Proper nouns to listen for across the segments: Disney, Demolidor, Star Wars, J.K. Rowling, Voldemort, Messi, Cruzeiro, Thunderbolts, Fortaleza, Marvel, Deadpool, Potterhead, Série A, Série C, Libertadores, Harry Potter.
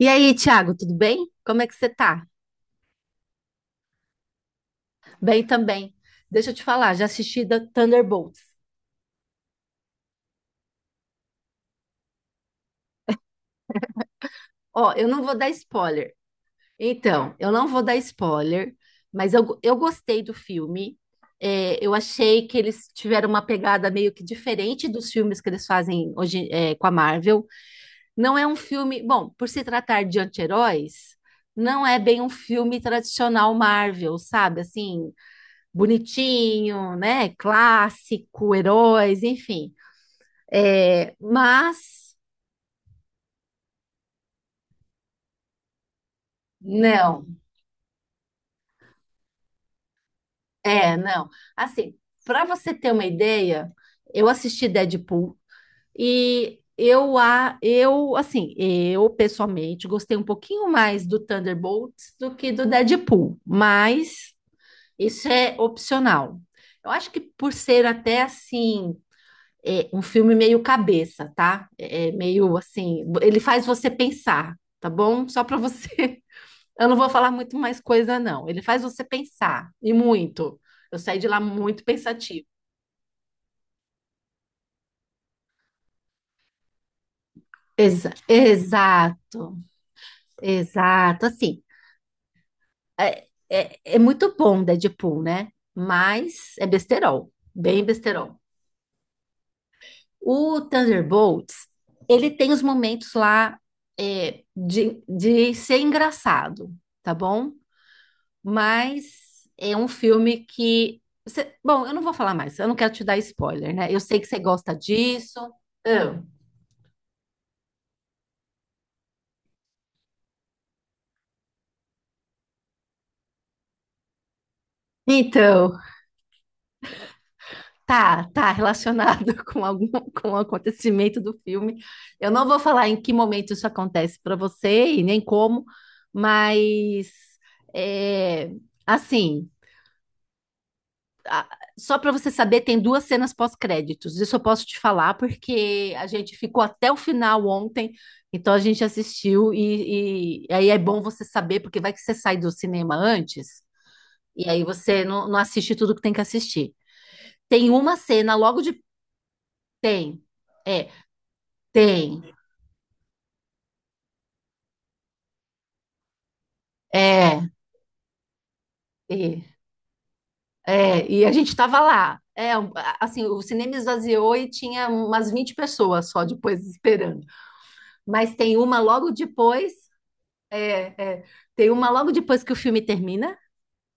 E aí, Thiago, tudo bem? Como é que você tá? Bem também. Deixa eu te falar, já assisti da Thunderbolts. Ó, eu não vou dar spoiler. Então, eu não vou dar spoiler, mas eu gostei do filme. Eu achei que eles tiveram uma pegada meio que diferente dos filmes que eles fazem hoje, com a Marvel. Não é um filme. Bom, por se tratar de anti-heróis, não é bem um filme tradicional Marvel, sabe? Assim, bonitinho, né? Clássico, heróis, enfim. É, mas Não. Não. Assim, para você ter uma ideia, eu assisti Deadpool e eu assim, eu pessoalmente gostei um pouquinho mais do Thunderbolts do que do Deadpool, mas isso é opcional. Eu acho que por ser até assim, um filme meio cabeça, tá? É meio assim, ele faz você pensar, tá bom? Só para você Eu não vou falar muito mais coisa, não. Ele faz você pensar, e muito. Eu saí de lá muito pensativo. Exato, exato. Assim, é muito bom Deadpool, né? Mas é besterol, bem besterol. O Thunderbolts, ele tem os momentos lá de ser engraçado, tá bom? Mas é um filme que. Eu não vou falar mais, eu não quero te dar spoiler, né? Eu sei que você gosta disso. Ah, então, tá relacionado com o acontecimento do filme. Eu não vou falar em que momento isso acontece para você e nem como, mas é, assim. Só para você saber, tem 2 cenas pós-créditos. Isso eu posso te falar porque a gente ficou até o final ontem, então a gente assistiu e aí é bom você saber porque vai que você sai do cinema antes e aí você não assiste tudo que tem que assistir. Tem uma cena logo de tem, é, tem, é, e, e a gente tava lá. O cinema esvaziou e tinha umas 20 pessoas só depois esperando. Mas tem uma logo depois É, é. Tem uma logo depois que o filme termina,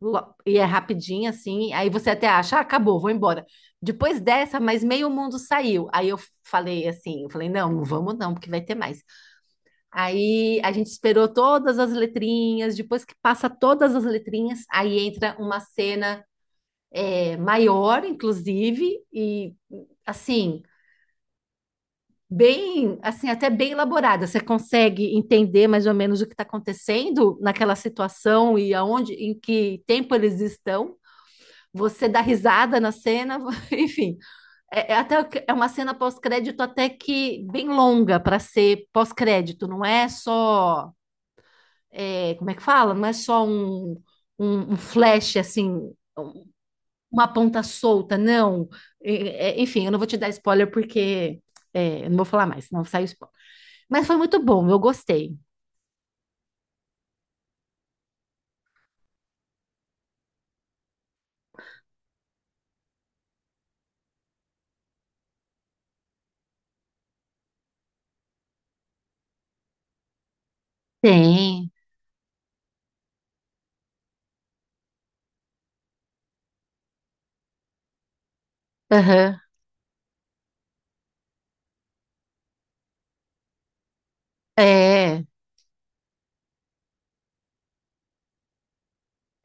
e é rapidinho assim, aí você até acha, ah, acabou, vou embora. Depois dessa, mas meio mundo saiu. Aí eu Falei assim, eu falei, não, não vamos não, porque vai ter mais. Aí a gente esperou todas as letrinhas, depois que passa todas as letrinhas, aí entra uma cena maior, inclusive, e assim, bem, assim, até bem elaborada. Você consegue entender mais ou menos o que está acontecendo naquela situação e aonde, em que tempo eles estão. Você dá risada na cena, enfim. É uma cena pós-crédito até que bem longa para ser pós-crédito. Não é só, como é que fala? Não é só um flash assim. Uma ponta solta, não. Enfim, eu não vou te dar spoiler porque eu não vou falar mais, senão sai spoiler. Mas foi muito bom, eu gostei. Tem. Aham. É,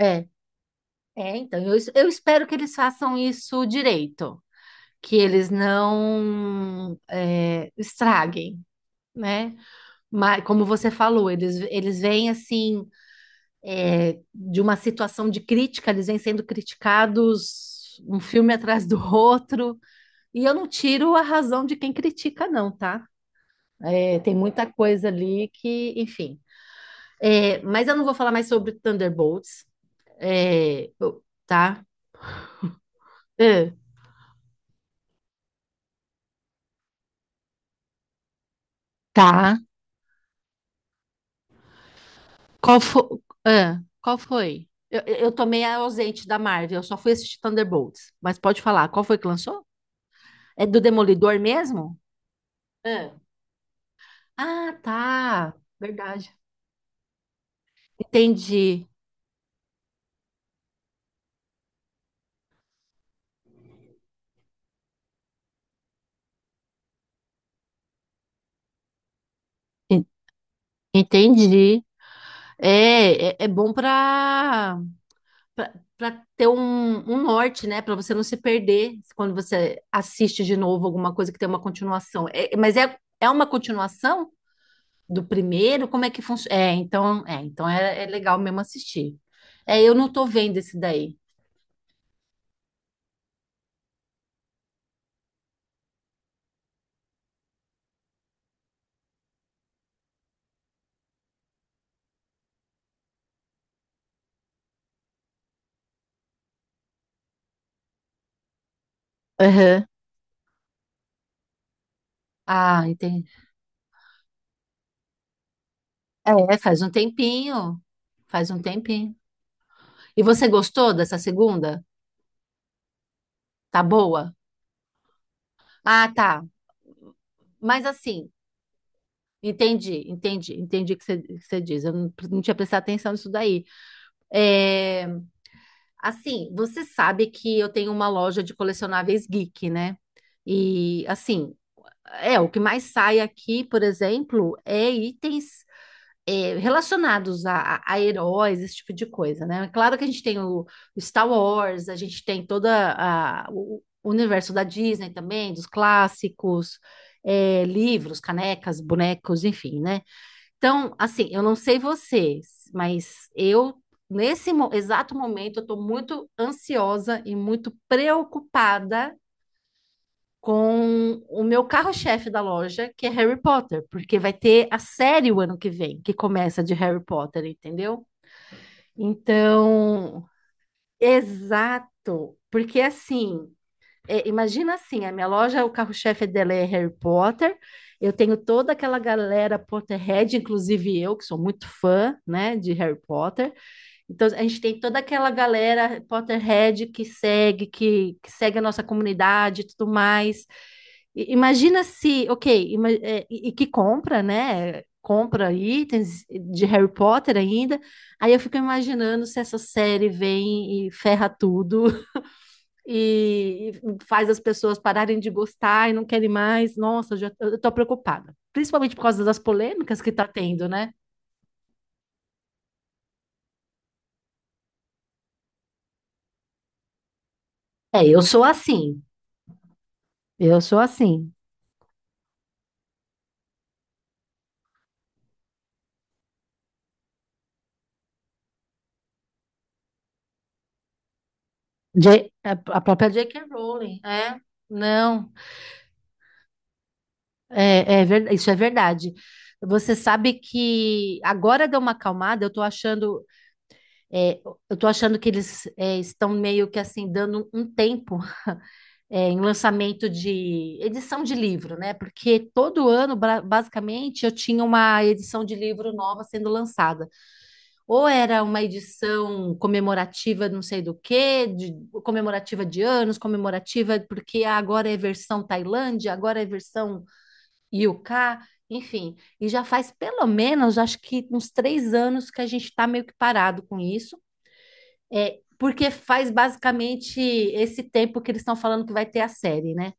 é. É, então, eu espero que eles façam isso direito, que eles não estraguem, né? Mas, como você falou, eles vêm assim, de uma situação de crítica, eles vêm sendo criticados um filme atrás do outro, e eu não tiro a razão de quem critica, não, tá? É, tem muita coisa ali que, enfim. É, mas eu não vou falar mais sobre Thunderbolts, tá? Ah, tá. Qual foi? Qual foi? Eu eu tomei a ausente da Marvel, eu só fui assistir Thunderbolts. Mas pode falar, qual foi que lançou? É do Demolidor mesmo? Ah, ah, tá. Verdade. Entendi. En- Entendi. É bom para para ter um norte, né? Para você não se perder quando você assiste de novo alguma coisa que tem uma continuação. É uma continuação do primeiro? Como é que funciona? É, então, é, então é legal mesmo assistir. É, eu não tô vendo esse daí. Aham. Ah, entendi. É, faz um tempinho. Faz um tempinho. E você gostou dessa segunda? Tá boa? Ah, tá. Mas assim, entendi o que o que você diz. Eu não, não tinha prestado atenção nisso daí. É, assim, você sabe que eu tenho uma loja de colecionáveis geek, né? E assim, é o que mais sai aqui, por exemplo, é itens relacionados a heróis, esse tipo de coisa, né? É Claro que a gente tem o Star Wars, a gente tem o universo da Disney também, dos clássicos, é, livros, canecas, bonecos, enfim, né? Então, assim, eu não sei vocês, mas eu, exato momento, eu estou muito ansiosa e muito preocupada com o meu carro-chefe da loja, que é Harry Potter, porque vai ter a série o ano que vem, que começa de Harry Potter, entendeu? Então, exato, porque assim imagina assim, a minha loja, o carro-chefe dela é Harry Potter. Eu tenho toda aquela galera Potterhead, inclusive eu, que sou muito fã, né, de Harry Potter. Então a gente tem toda aquela galera Potterhead que segue, que segue a nossa comunidade e tudo mais. Imagina se, ok, e que compra, né? Compra itens de Harry Potter ainda. Aí eu fico imaginando se essa série vem e ferra tudo e faz as pessoas pararem de gostar e não querem mais. Nossa, eu tô preocupada. Principalmente por causa das polêmicas que tá tendo, né? É, eu sou assim. Eu sou assim. J- a a própria J.K. Rowling, é. Não, isso é verdade. Você sabe que agora deu uma acalmada, eu tô achando, é, eu tô achando que eles estão meio que assim, dando um tempo em lançamento de edição de livro, né? Porque todo ano, basicamente, eu tinha uma edição de livro nova sendo lançada. Ou era uma edição comemorativa, não sei do quê, de, comemorativa de anos, comemorativa porque agora é versão Tailândia, agora é versão UK, enfim. E já faz pelo menos, acho que uns 3 anos que a gente está meio que parado com isso. É, porque faz basicamente esse tempo que eles estão falando que vai ter a série, né?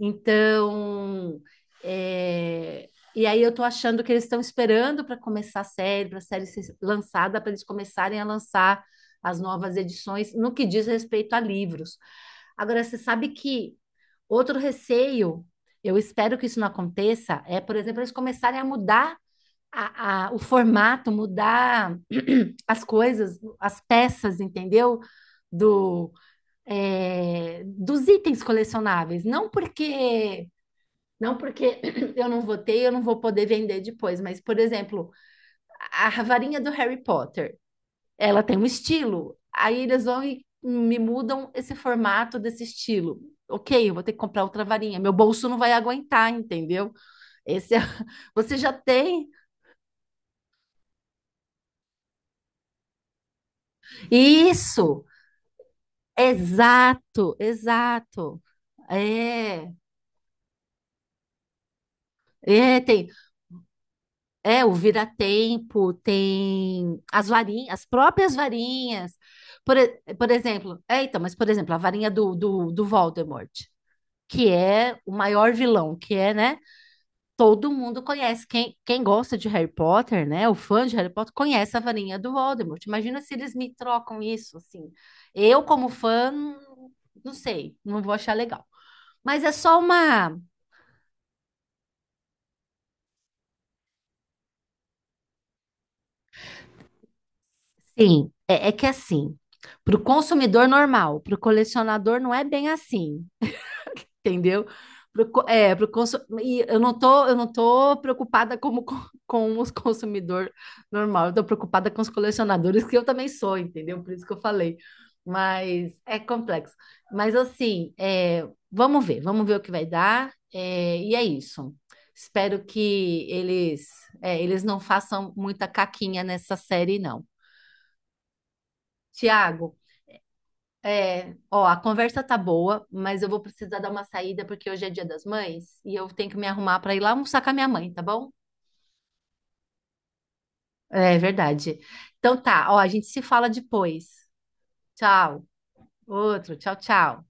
Então, é, e aí eu tô achando que eles estão esperando para começar a série, para a série ser lançada, para eles começarem a lançar as novas edições no que diz respeito a livros. Agora, você sabe que outro receio, eu espero que isso não aconteça, por exemplo, eles começarem a mudar o formato, mudar as coisas, as peças, entendeu? Do, dos itens colecionáveis. Não porque eu não votei, eu não vou poder vender depois, mas, por exemplo, a varinha do Harry Potter, ela tem um estilo. Aí eles vão e me mudam esse formato desse estilo. Ok, eu vou ter que comprar outra varinha. Meu bolso não vai aguentar, entendeu? Esse é... Você já tem. Isso! Exato, exato. É, tem. É, o vira-tempo, tem as varinhas, as próprias varinhas. Por, e- por exemplo, é, então, mas por exemplo, a varinha do Voldemort, que é o maior vilão, que é, né? Todo mundo conhece. Quem gosta de Harry Potter, né? O fã de Harry Potter conhece a varinha do Voldemort. Imagina se eles me trocam isso, assim. Eu, como fã, não sei, não vou achar legal. Mas é só uma. Sim, é que assim, para o consumidor normal, para o colecionador não é bem assim, entendeu? Pro consu... E eu não tô preocupada com os consumidor normal, eu tô preocupada com os colecionadores, que eu também sou, entendeu? Por isso que eu falei. Mas é complexo. Mas assim, vamos ver o que vai dar. E é isso. Espero que eles, eles não façam muita caquinha nessa série, não. Tiago, ó, a conversa tá boa, mas eu vou precisar dar uma saída porque hoje é Dia das Mães e eu tenho que me arrumar para ir lá almoçar com a minha mãe, tá bom? É verdade. Então tá, ó, a gente se fala depois. Tchau. Outro, tchau, tchau.